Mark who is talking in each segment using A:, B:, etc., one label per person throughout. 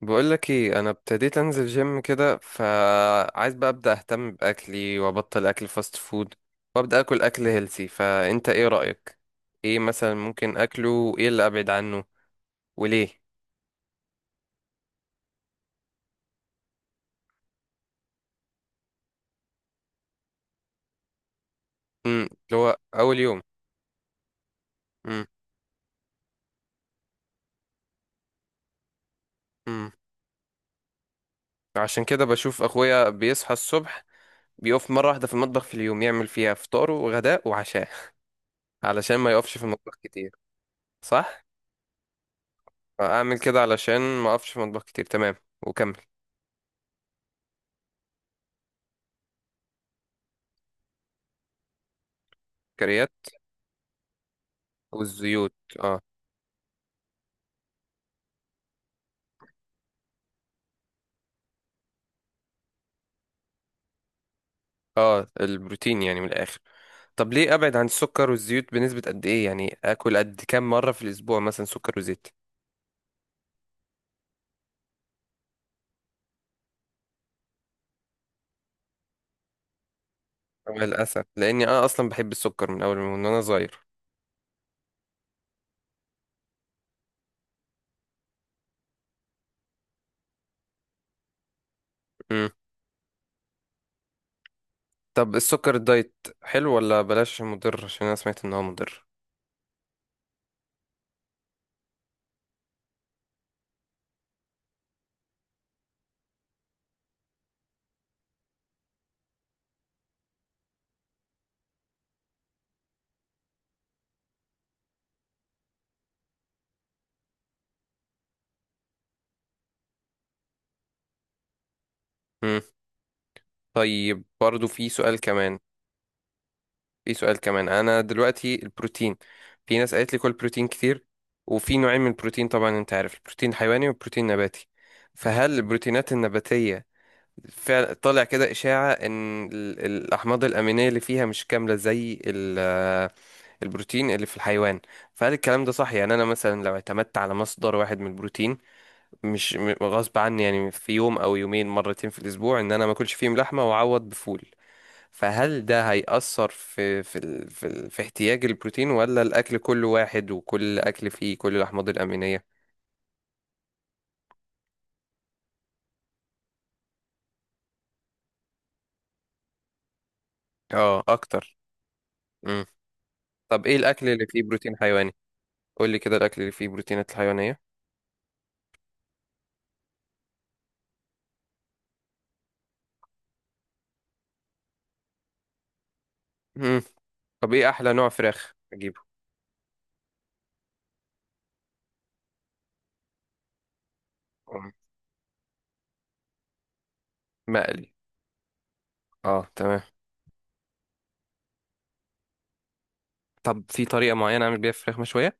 A: بقولك ايه، انا ابتديت انزل جيم كده، فعايز بقى ابدا اهتم باكلي وابطل اكل فاست فود وابدا اكل اكل هيلثي. فانت ايه رايك؟ ايه مثلا ممكن اكله وايه اللي ابعد عنه وليه؟ امم اللي هو اول يوم. امم امم عشان كده بشوف اخويا بيصحى الصبح، بيقف مره واحده في المطبخ في اليوم يعمل فيها فطاره وغداء وعشاء علشان ما يقفش في المطبخ كتير. صح، اعمل كده علشان ما اقفش في المطبخ كتير، تمام. وكمل. كريات والزيوت. اه. اه، البروتين يعني من الاخر. طب ليه ابعد عن السكر والزيوت؟ بنسبة قد ايه يعني اكل قد كام مرة في الاسبوع مثلا سكر وزيت؟ طبعاً للاسف، لاني انا اصلا بحب السكر من اول من وانا صغير. امم طب السكر الدايت حلو ولا بلاش، عشان مضر، عشان انا سمعت ان هو مضر. امم طيب برضو في سؤال كمان. في سؤال كمان، انا دلوقتي البروتين، في ناس قالت لي كل بروتين كتير، وفي نوعين من البروتين طبعا انت عارف، البروتين حيواني والبروتين نباتي. فهل البروتينات النباتية فعلا طالع كده إشاعة إن الأحماض الأمينية اللي فيها مش كاملة زي البروتين اللي في الحيوان؟ فهل الكلام ده صح؟ يعني أنا مثلا لو اعتمدت على مصدر واحد من البروتين، مش م- غصب عني، يعني في يوم أو يومين، مرتين في الأسبوع، إن أنا ما أكلش فيهم لحمة وأعوض بفول، فهل ده هيأثر في في احتياج البروتين، ولا الأكل كله واحد وكل أكل فيه كل الأحماض الأمينية؟ اه أكتر. مم. طب إيه الأكل اللي فيه بروتين حيواني؟ قولي كده الأكل اللي فيه بروتينات حيوانية. مم. طب ايه احلى نوع فراخ اجيبه؟ مم. مقلي، اه تمام. طب في طريقه معينه اعمل بيها فراخ مشويه؟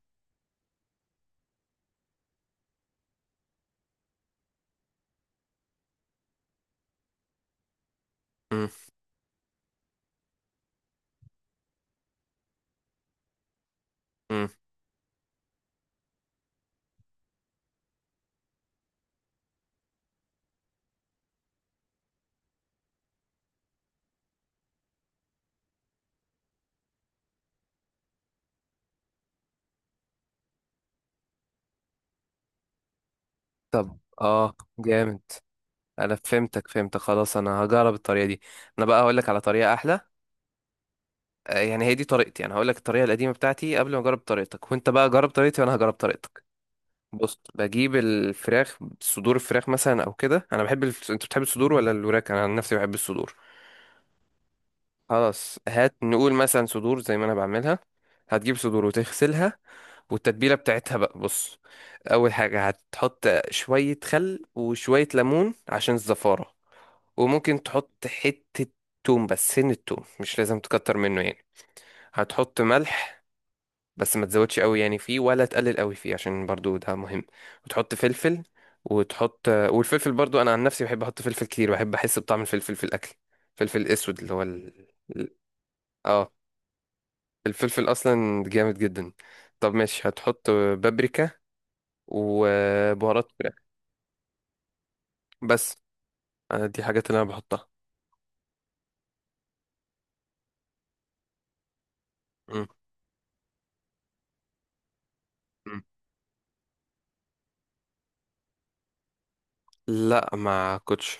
A: مم. مم. طب اه جامد. انا فهمتك فهمتك، خلاص انا هجرب الطريقه دي. انا بقى هقول لك على طريقه احلى. يعني هي دي طريقتي. انا هقول لك الطريقه القديمه بتاعتي قبل ما اجرب طريقتك، وانت بقى جرب طريقتي وانا هجرب طريقتك. بص، بجيب الفراخ، صدور الفراخ مثلا او كده، انا بحب انت بتحب الصدور ولا الوراك؟ انا عن نفسي بحب الصدور. خلاص، هات نقول مثلا صدور زي ما انا بعملها. هتجيب صدور وتغسلها، والتتبيلة بتاعتها بقى بص. أول حاجة هتحط شوية خل وشوية ليمون عشان الزفارة. وممكن تحط حتة توم، بس سن التوم مش لازم تكتر منه يعني. هتحط ملح، بس ما تزودش قوي يعني فيه ولا تقلل قوي فيه، عشان برضو ده مهم. وتحط فلفل. وتحط والفلفل برضو أنا عن نفسي بحب أحط فلفل كتير، بحب أحس بطعم الفلفل في الأكل. فلفل أسود اللي هو ال- اه، الفلفل أصلا جامد جدا. طب ماشي، هتحط بابريكا وبهارات فراخ. بس أنا دي حاجات اللي انا بحطها. مم. مم. لا ما كنتش.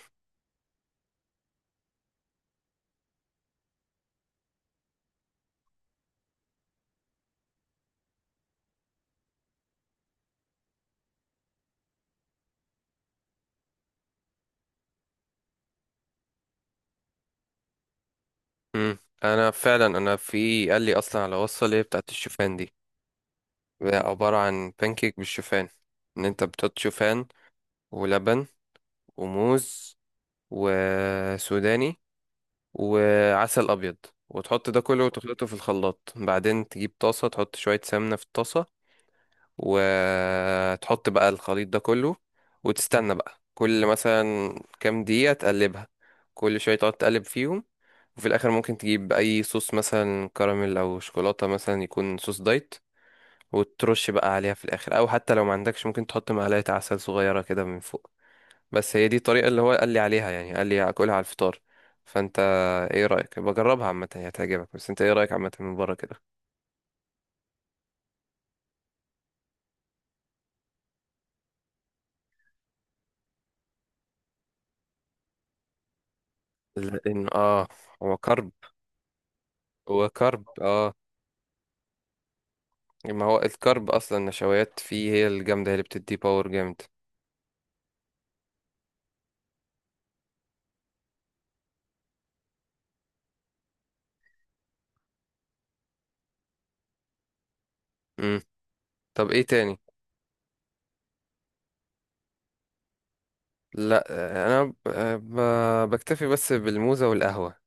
A: مم. انا فعلا، انا في قال لي اصلا على وصفه اللي هي بتاعت الشوفان دي، وهي عباره عن بانكيك بالشوفان. ان انت بتحط شوفان ولبن وموز وسوداني وعسل ابيض، وتحط ده كله وتخلطه في الخلاط. بعدين تجيب طاسه، تحط شويه سمنه في الطاسه، وتحط بقى الخليط ده كله، وتستنى بقى كل مثلا كام دقيقة تقلبها، كل شوية تقعد تقلب فيهم. وفي الآخر ممكن تجيب أي صوص مثلا كراميل أو شوكولاتة، مثلا يكون صوص دايت، وترش بقى عليها في الآخر. أو حتى لو ما عندكش ممكن تحط معلقة عسل صغيرة كده من فوق. بس هي دي الطريقة اللي هو قال لي عليها، يعني قال لي أكلها على الفطار. فأنت إيه رأيك؟ بجربها عامة هي هتعجبك، بس أنت إيه رأيك عامة من بره كده؟ لأن آه، هو كرب، هو كرب اه. ما هو الكرب اصلا، النشويات فيه هي الجامده هي اللي بتدي باور جامد. امم طب ايه تاني؟ لا انا بكتفي بس بالموزه والقهوه.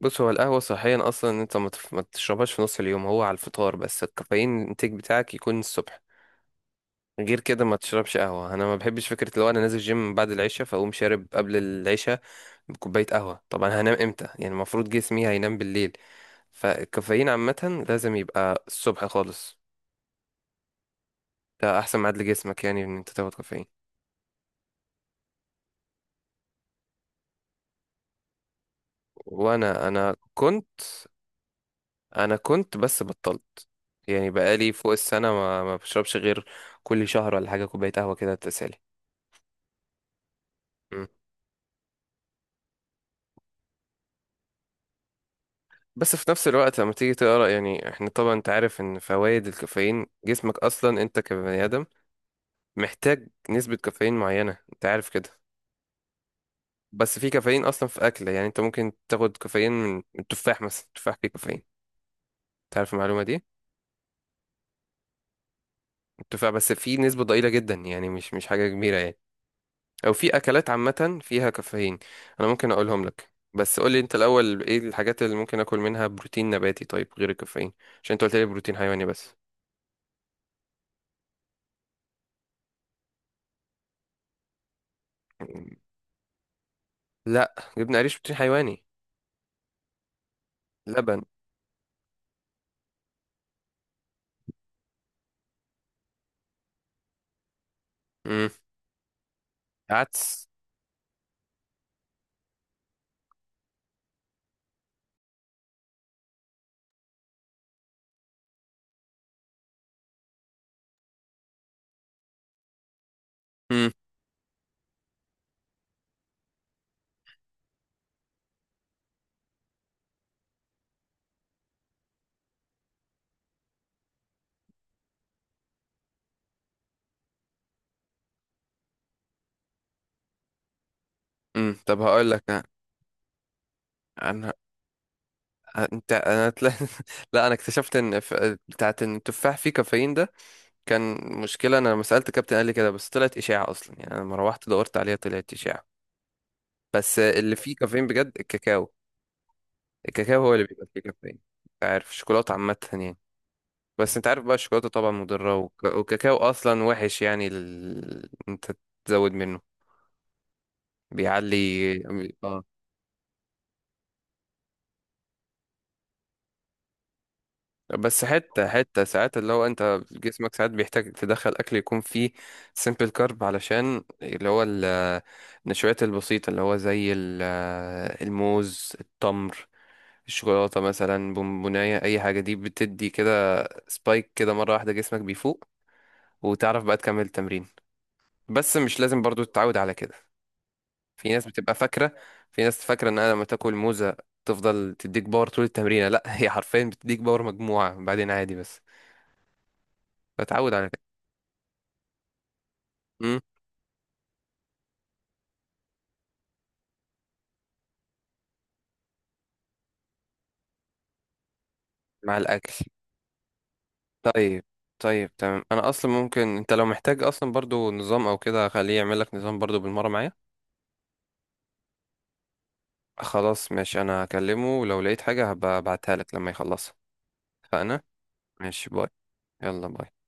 A: بص، هو القهوه صحيا اصلا إن انت ما تشربهاش في نص اليوم، هو على الفطار بس، الكافيين الانتاج بتاعك يكون الصبح. غير كده ما تشربش قهوه. انا ما بحبش فكره لو انا نازل جيم بعد العشاء فاقوم شارب قبل العشاء بكوبايه قهوه، طبعا هنام امتى يعني؟ المفروض جسمي هينام بالليل. فالكافيين عامه لازم يبقى الصبح خالص. ده احسن ميعاد لجسمك يعني ان انت تاخد كافيين. وانا انا كنت انا كنت بس بطلت، يعني بقالي فوق السنه ما بشربش غير كل شهر ولا حاجه كوبايه قهوه كده تسالي. مم. بس في نفس الوقت لما تيجي تقرا، يعني احنا طبعا انت عارف ان فوائد الكافيين، جسمك اصلا انت كبني ادم محتاج نسبه كافيين معينه، انت عارف كده. بس في كافيين اصلا في اكل، يعني انت ممكن تاخد كافيين من التفاح مثلا، التفاح فيه كافيين، تعرف المعلومه دي؟ التفاح بس فيه نسبه ضئيله جدا، يعني مش حاجه كبيره يعني. او في اكلات عامه فيها كافيين، انا ممكن اقولهم لك، بس قول لي انت الاول ايه الحاجات اللي ممكن اكل منها بروتين نباتي، طيب غير الكافيين، عشان انت قلت لي بروتين حيواني بس. لا، جبنه قريش بروتين حيواني. لبن. امم. عدس. امم طب هقول لك انا. أنا- انت انا تلا... لا انا اكتشفت بتاعت ان التفاح فيه كافيين ده، كان مشكله. انا لما سالت كابتن قال لي كده، بس طلعت اشاعه اصلا، يعني انا لما روحت دورت عليها طلعت اشاعه. بس اللي فيه كافيين بجد الكاكاو. الكاكاو هو اللي بيبقى فيه كافيين. انت عارف الشوكولاته عامه يعني. بس انت عارف بقى الشوكولاته طبعا مضره، والكاكاو اصلا وحش يعني انت تزود منه بيعلي. اه، بس حته ساعات اللي هو انت جسمك ساعات بيحتاج تدخل اكل يكون فيه سيمبل كارب، علشان اللي هو النشويات البسيطه اللي هو زي الموز، التمر، الشوكولاته مثلا، بونبونايه، اي حاجه دي بتدي كده سبايك كده مره واحده، جسمك بيفوق وتعرف بقى تكمل التمرين. بس مش لازم برضو تتعود على كده. في ناس بتبقى فاكرة، في ناس فاكرة ان انا لما تاكل موزة تفضل تديك باور طول التمرين، لا هي حرفيا بتديك باور مجموعة بعدين عادي بس. فتعود على كده. مم. مع الاكل. طيب، طيب تمام. انا اصلا ممكن، انت لو محتاج اصلا برضو نظام او كده، خليه يعمل لك نظام برضو بالمرة معايا. خلاص ماشي، انا هكلمه ولو لقيت حاجة هبقى ابعتها لك لما يخلصها. فانا ماشي، باي. يلا باي.